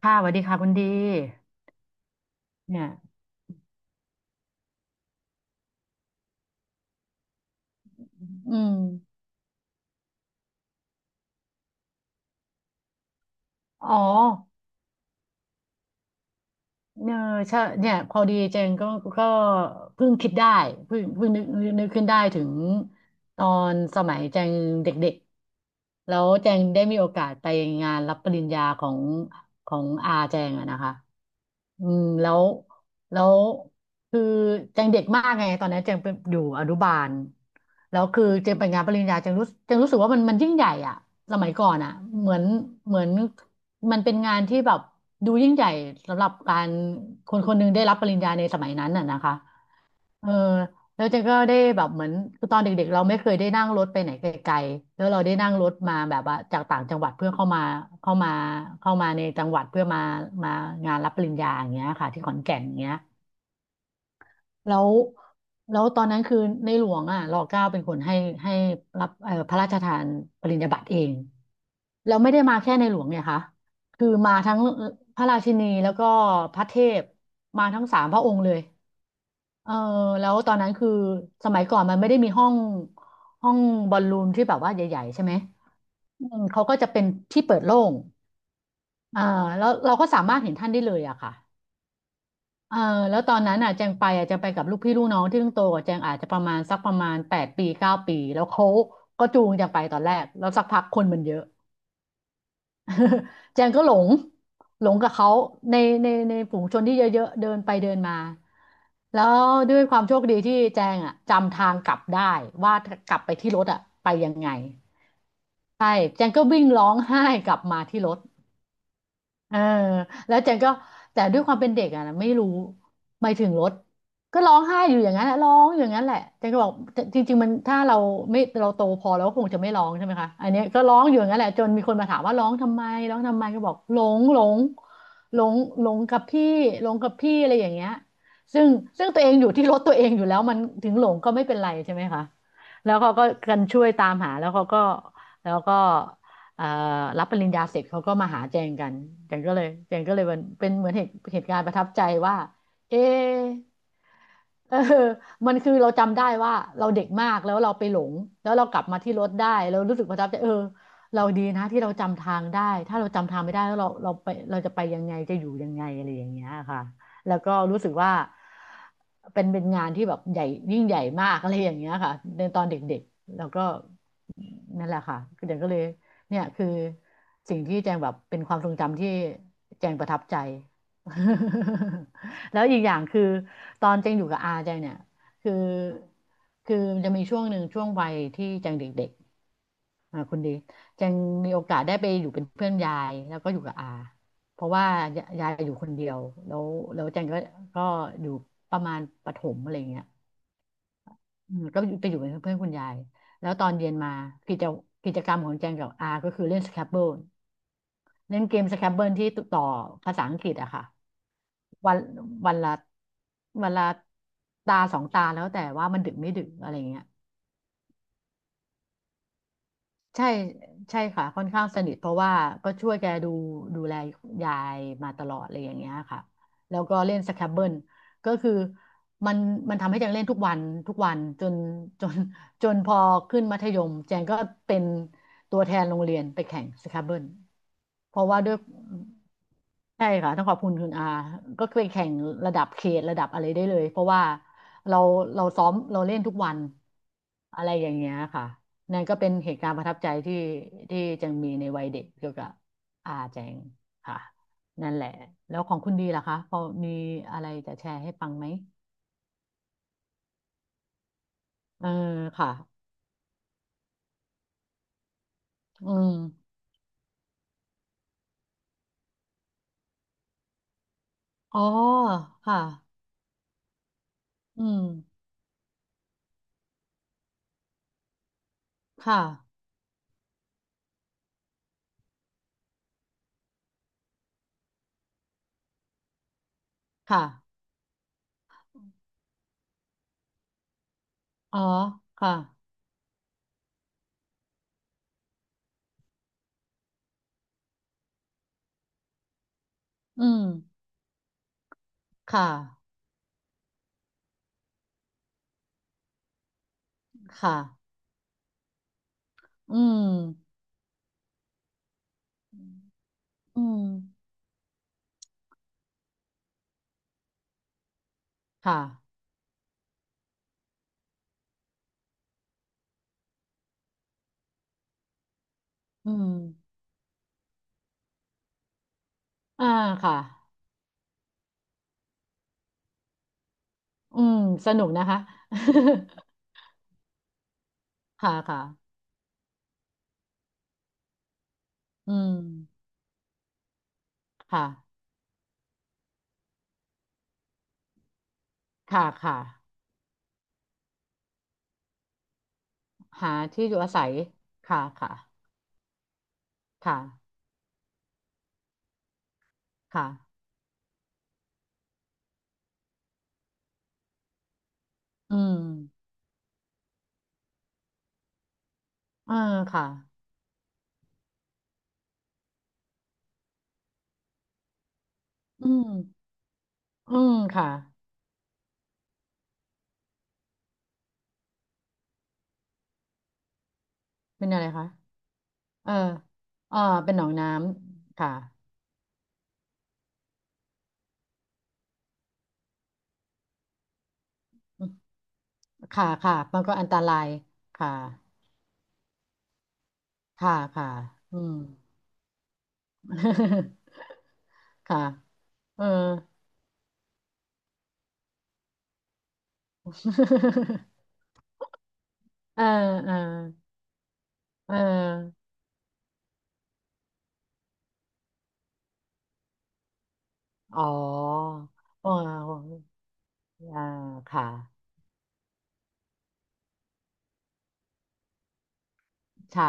ค่ะสวัสดีค่ะคุณดีเนี่ยอืมอ๋อเนี่ยใช่เนี่ยพอดีเจงก็เพิ่งคิดได้เพิ่งนึกขึ้นได้ถึงตอนสมัยแจงเด็กๆแล้วแจงได้มีโอกาสไปงานรับปริญญาของอาแจงอะนะคะอืมแล้ว แล้วคือแจงเด็กมากไงตอนนั้นแจงเป็นอยู่อนุบาลแล้วคือแจงไปงานปริญญาแจงรู้สึกว่ามันยิ่งใหญ่อะสมัยก่อนอะเหมือนเหมือนมันเป็นงานที่แบบดูยิ่งใหญ่สำหรับการคนคนหนึงได้รับปริญญาในสมัยนั้นน่ะนะคะเออแล้วเจนก็ได้แบบเหมือนคือตอนเด็กๆเราไม่เคยได้นั่งรถไปไหนไกลๆแล้วเราได้นั่งรถมาแบบว่าจากต่างจังหวัดเพื่อเข้ามาเข้ามาในจังหวัดเพื่อมางานรับปริญญาอย่างเงี้ยค่ะที่ขอนแก่นอย่างเงี้ย แล้วแล้วตอนนั้นคือในหลวงอ่ะรอเก้าเป็นคนให้ให้รับพระราชทานปริญญาบัตรเองแล้วไม่ได้มาแค่ในหลวงเนี่ยค่ะคือมาทั้งพระราชินีแล้วก็พระเทพมาทั้งสามพระองค์เลยเออแล้วตอนนั้นคือสมัยก่อนมันไม่ได้มีห้องบอลลูนที่แบบว่าใหญ่ๆใช่ไหมเขาก็จะเป็นที่เปิดโล่งอ่าแล้วเราก็สามารถเห็นท่านได้เลยอะค่ะ เออแล้วตอนนั้นอ่ะแจงไปกับลูกพี่ลูกน้องที่เพิ่งโตกว่าแจงอาจจะประมาณ8 ปี9 ปีแล้วเขาก็จูงแจงไปตอนแรกแล้วสักพักคนมันเยอะ แจงก็หลงกับเขาในในฝูงชนที่เยอะๆเดินไปเดินมาแล้วด้วยความโชคดีที่แจงอ่ะจำทางกลับได้ว่ากลับไปที่รถอ่ะไปยังไงใช่แจงก็วิ่งร้องไห้กลับมาที่รถ เออแล้วเจนก็แต่ด้วยความเป็นเด็กอะนะไม่รู้หมายถึงรถก็ร้องไห้อยู่อย่างนั้นแหละร้องอยู่อย่างนั้นแหละเจนก็บอกจริงๆมันถ้าเราไม่เราโตพอแล้วก็คงจะไม่ร้องใช่ไหมคะอันเนี้ยก็ร้องอยู่อย่างนั้นแหละจนมีคนมาถามว่าร้องทำไมร้องทำไมก็บอกหลงหลงกับพี่อะไรอย่างเงี้ยซึ่งซึ่งตัวเองอยู่ที่รถตัวเองอยู่แล้วมันถึงหลงก็ไม่เป็นไรใช่ไหมคะแล้วเขาก็กันช่วยตามหาแล้วก็ เอ่อรับปริญญาเสร็จเขาก็มาหาแจงกันแจงก็เลยเป็นเหมือนเหตุการณ์ประทับใจว่าเอะเออมันคือเราจำได้ว่าเราเด็กมากแล้วเราไปหลงแล้วเรากลับมาที่รถได้เรารู้สึกประทับใจเราดีนะที่เราจำทางได้ถ้าเราจำทางไม่ได้แล้วเราไปเราจะไปยังไงจะอยู่ยังไงอะไรอย่างเงี้ยค่ะแล้วก็รู้สึกว่าเป็นงานที่แบบใหญ่ยิ่งใหญ่มากอะไรอย่างเงี้ยค่ะในตอนเด็กๆแล้วก็นั่นแหละค่ะเดี๋ยวก็เลย เนี่ยคือสิ่งที่แจงแบบเป็นความทรงจำที่แจงประทับใจ แล้วอีกอย่างคือตอนแจงอยู่กับอาแจงเนี่ยคือคือมันจะมีช่วงหนึ่งช่วงวัยที่แจงเด็กๆอ่าคุณดีแจงมีโอกาสได้ไปอยู่เป็นเพื่อนยายแล้วก็อยู่กับอาเพราะว่ายายอยู่คนเดียวแล้วแล้วแจงก็อยู่ประมาณประถมอะไรเงี้ยก็ไปอยู่เป็นเพื่อนคุณยายแล้วตอนเย็นมากิจกิจกรรมของแจงกับอาก็คือเล่นสแครบเบิล เล่นเกมสแครบเบิลที่ต่อภาษาอังกฤษอะค่ะวันวันละวันละตาสองตาแล้วแต่ว่ามันดึกไม่ดึกอะไรเงี้ย ใช่ใช่ค่ะค่อนข้างสนิทเพราะว่าก็ช่วยแกดูแลยายมาตลอดอะไรอย่างเงี้ยค่ะแล้วก็เล่นสแครบเบิลก็คือมันมันทำให้แจงเล่นทุกวันทุกวันจนจน จนพอขึ้นมัธยมแจงก็เป็นตัวแทนโรงเรียนไปแข่งสแครบเบิลเพราะว่าด้วยใช่ค่ะต้องขอบคุณคุณอาก็เคยแข่งระดับเขตระดับอะไรได้เลยเพราะว่าเราเราซ้อมเราเล่นทุกวันอะไรอย่างเงี้ยค่ะ นั่นก็เป็นเหตุการณ์ประทับใจที่แจังมีในวัยเด็กเกี่ยวกับอาแจงค่ะนั่นแหละแล้วของคุณดีล่ะคะพอมีอะไรจะแชร์ให้ฟังไหมเออค่ะอืมอ๋อค่ะอืมค่ะค่ะอ๋อค่ะอืมค่ะค่ะอืมอืมค่ะอืมอ่าค่ะอืมสนุกนะคะ ค่ะค่ะอืมค่ะค่ะค่ะ หาที่อยู่อาศัยค่ะ ค่ะค่ะค่ะอืมอ่าค่ะอืมอืมค่ะ เป็นอะไรคะเอออ่าเป็นหนองน้ำค่ะอืมค่ะค่ะ มันก็อันตราย ค่ะ ค่ะค่ะอืม ค่ะเออ เออเออเอออ๋ออ๋ออ่าค่ะค่ะ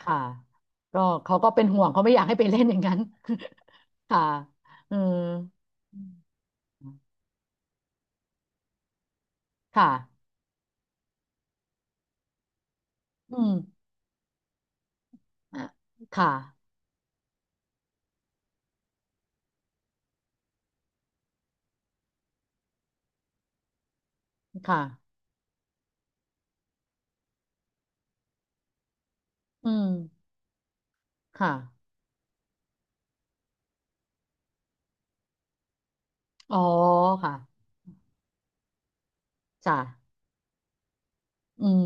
ค่ะก็เขาก็เป็นห่วงเขาไม่อยากให้ไปเล่นอย่างนั้น ค่ะเอออืมค่ะอืมอ่ะค่ะค่ะอืมค่ะอ๋อค่ะจ้ะอืม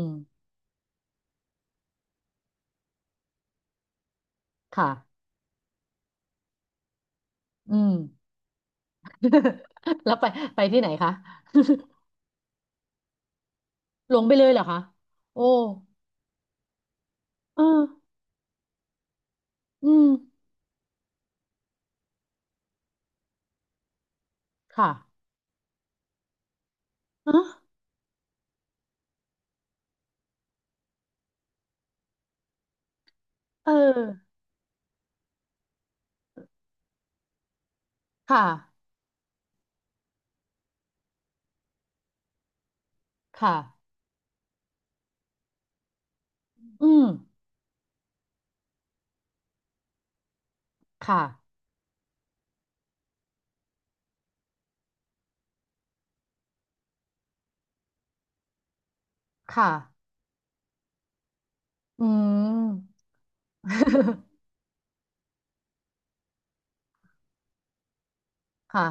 ค่ะอืม แล้วไปที่ไหนคะ หลงไปเลยเหรอคะโอ้เอออืมค่ะเออเออค่ะค่ะอืมค่ะค่ะอืม ค่ะ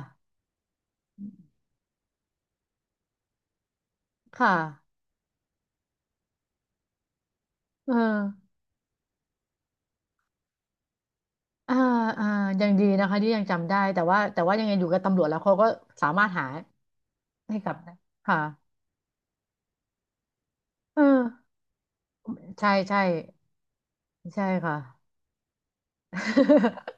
ค่ะเอออ่าอ่ายังดีนะคะที่ยังจำได้แต่ว่ายังไงอยู่กับตำรวจแล้วเขาก็สามารถหาให้กลับได้ค่ะเออใช่ใช่ใช่ค่ะ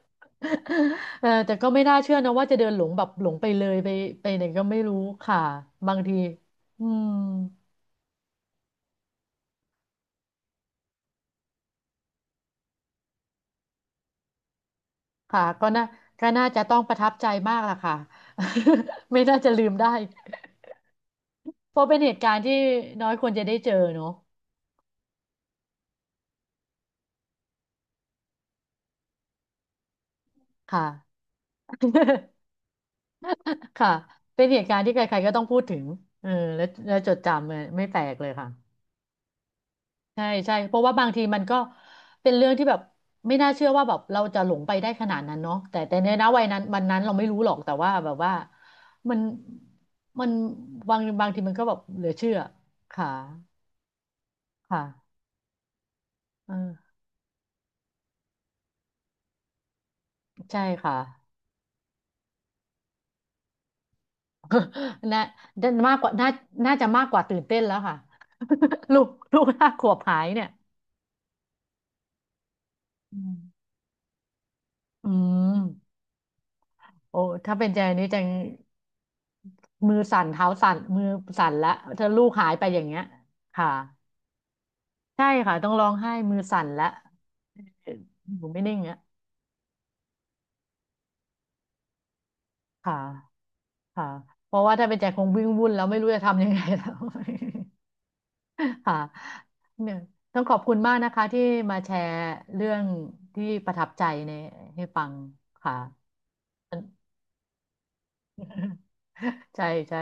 เออแต่ก็ไม่น่าเชื่อนะว่าจะเดินหลงแบบหลงไปเลยไปไหนก็ไม่รู้ค่ะบางทีอืมค่ะก็น่าก็น่าจะต้องประทับใจมากล่ะค่ะ ไม่น่าจะลืมได้เพราะเป็นเหตุการณ์ที่น้อยคนจะได้เจอเนอะค่ะ ค่ะเป็นเหตุการณ์ที่ใครๆก็ต้องพูดถึงเออและจดจำเลยไม่แปลกเลยค่ะใช่ใช่เพราะว่าบางทีมันก็เป็นเรื่องที่แบบไม่น่าเชื่อว่าแบบเราจะหลงไปได้ขนาดนั้นเนาะแต่ในนะวัยนั้นวันนั้นเราไม่รู้หรอกแต่ว่าแบบว่ามันมันบางทีมันก็แบบเหลือเชื่อค่ะค่ะเออใช่ค่ะ น่ามากกว่าน่าจะมากกว่าตื่นเต้นแล้วค่ะ ลูก5 ขวบหายเนี่ยอืมอืม โอ้ถ้าเป็นใจนี้จังมือสั่นเท้าสั่นมือสั่นละเธอลูกหายไปอย่างเงี้ยค่ะใช่ค่ะต้องร้องไห้มือสั่นละอยู่ไม่นิ่งอ่ะค่ะค่ะเพราะว่าถ้าเป็นใจคงวิ่งวุ่นแล้วไม่รู้จะทำยังไงแล้ว ค่ะเนี่ยต้องขอบคุณมากนะคะที่มาแชร์เรื่องที่ประทับใจในให้ฟังค่ะ ใช่ใช่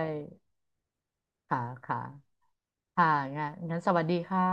ค่ะค่ะค่ะงั้นสวัสดีค่ะ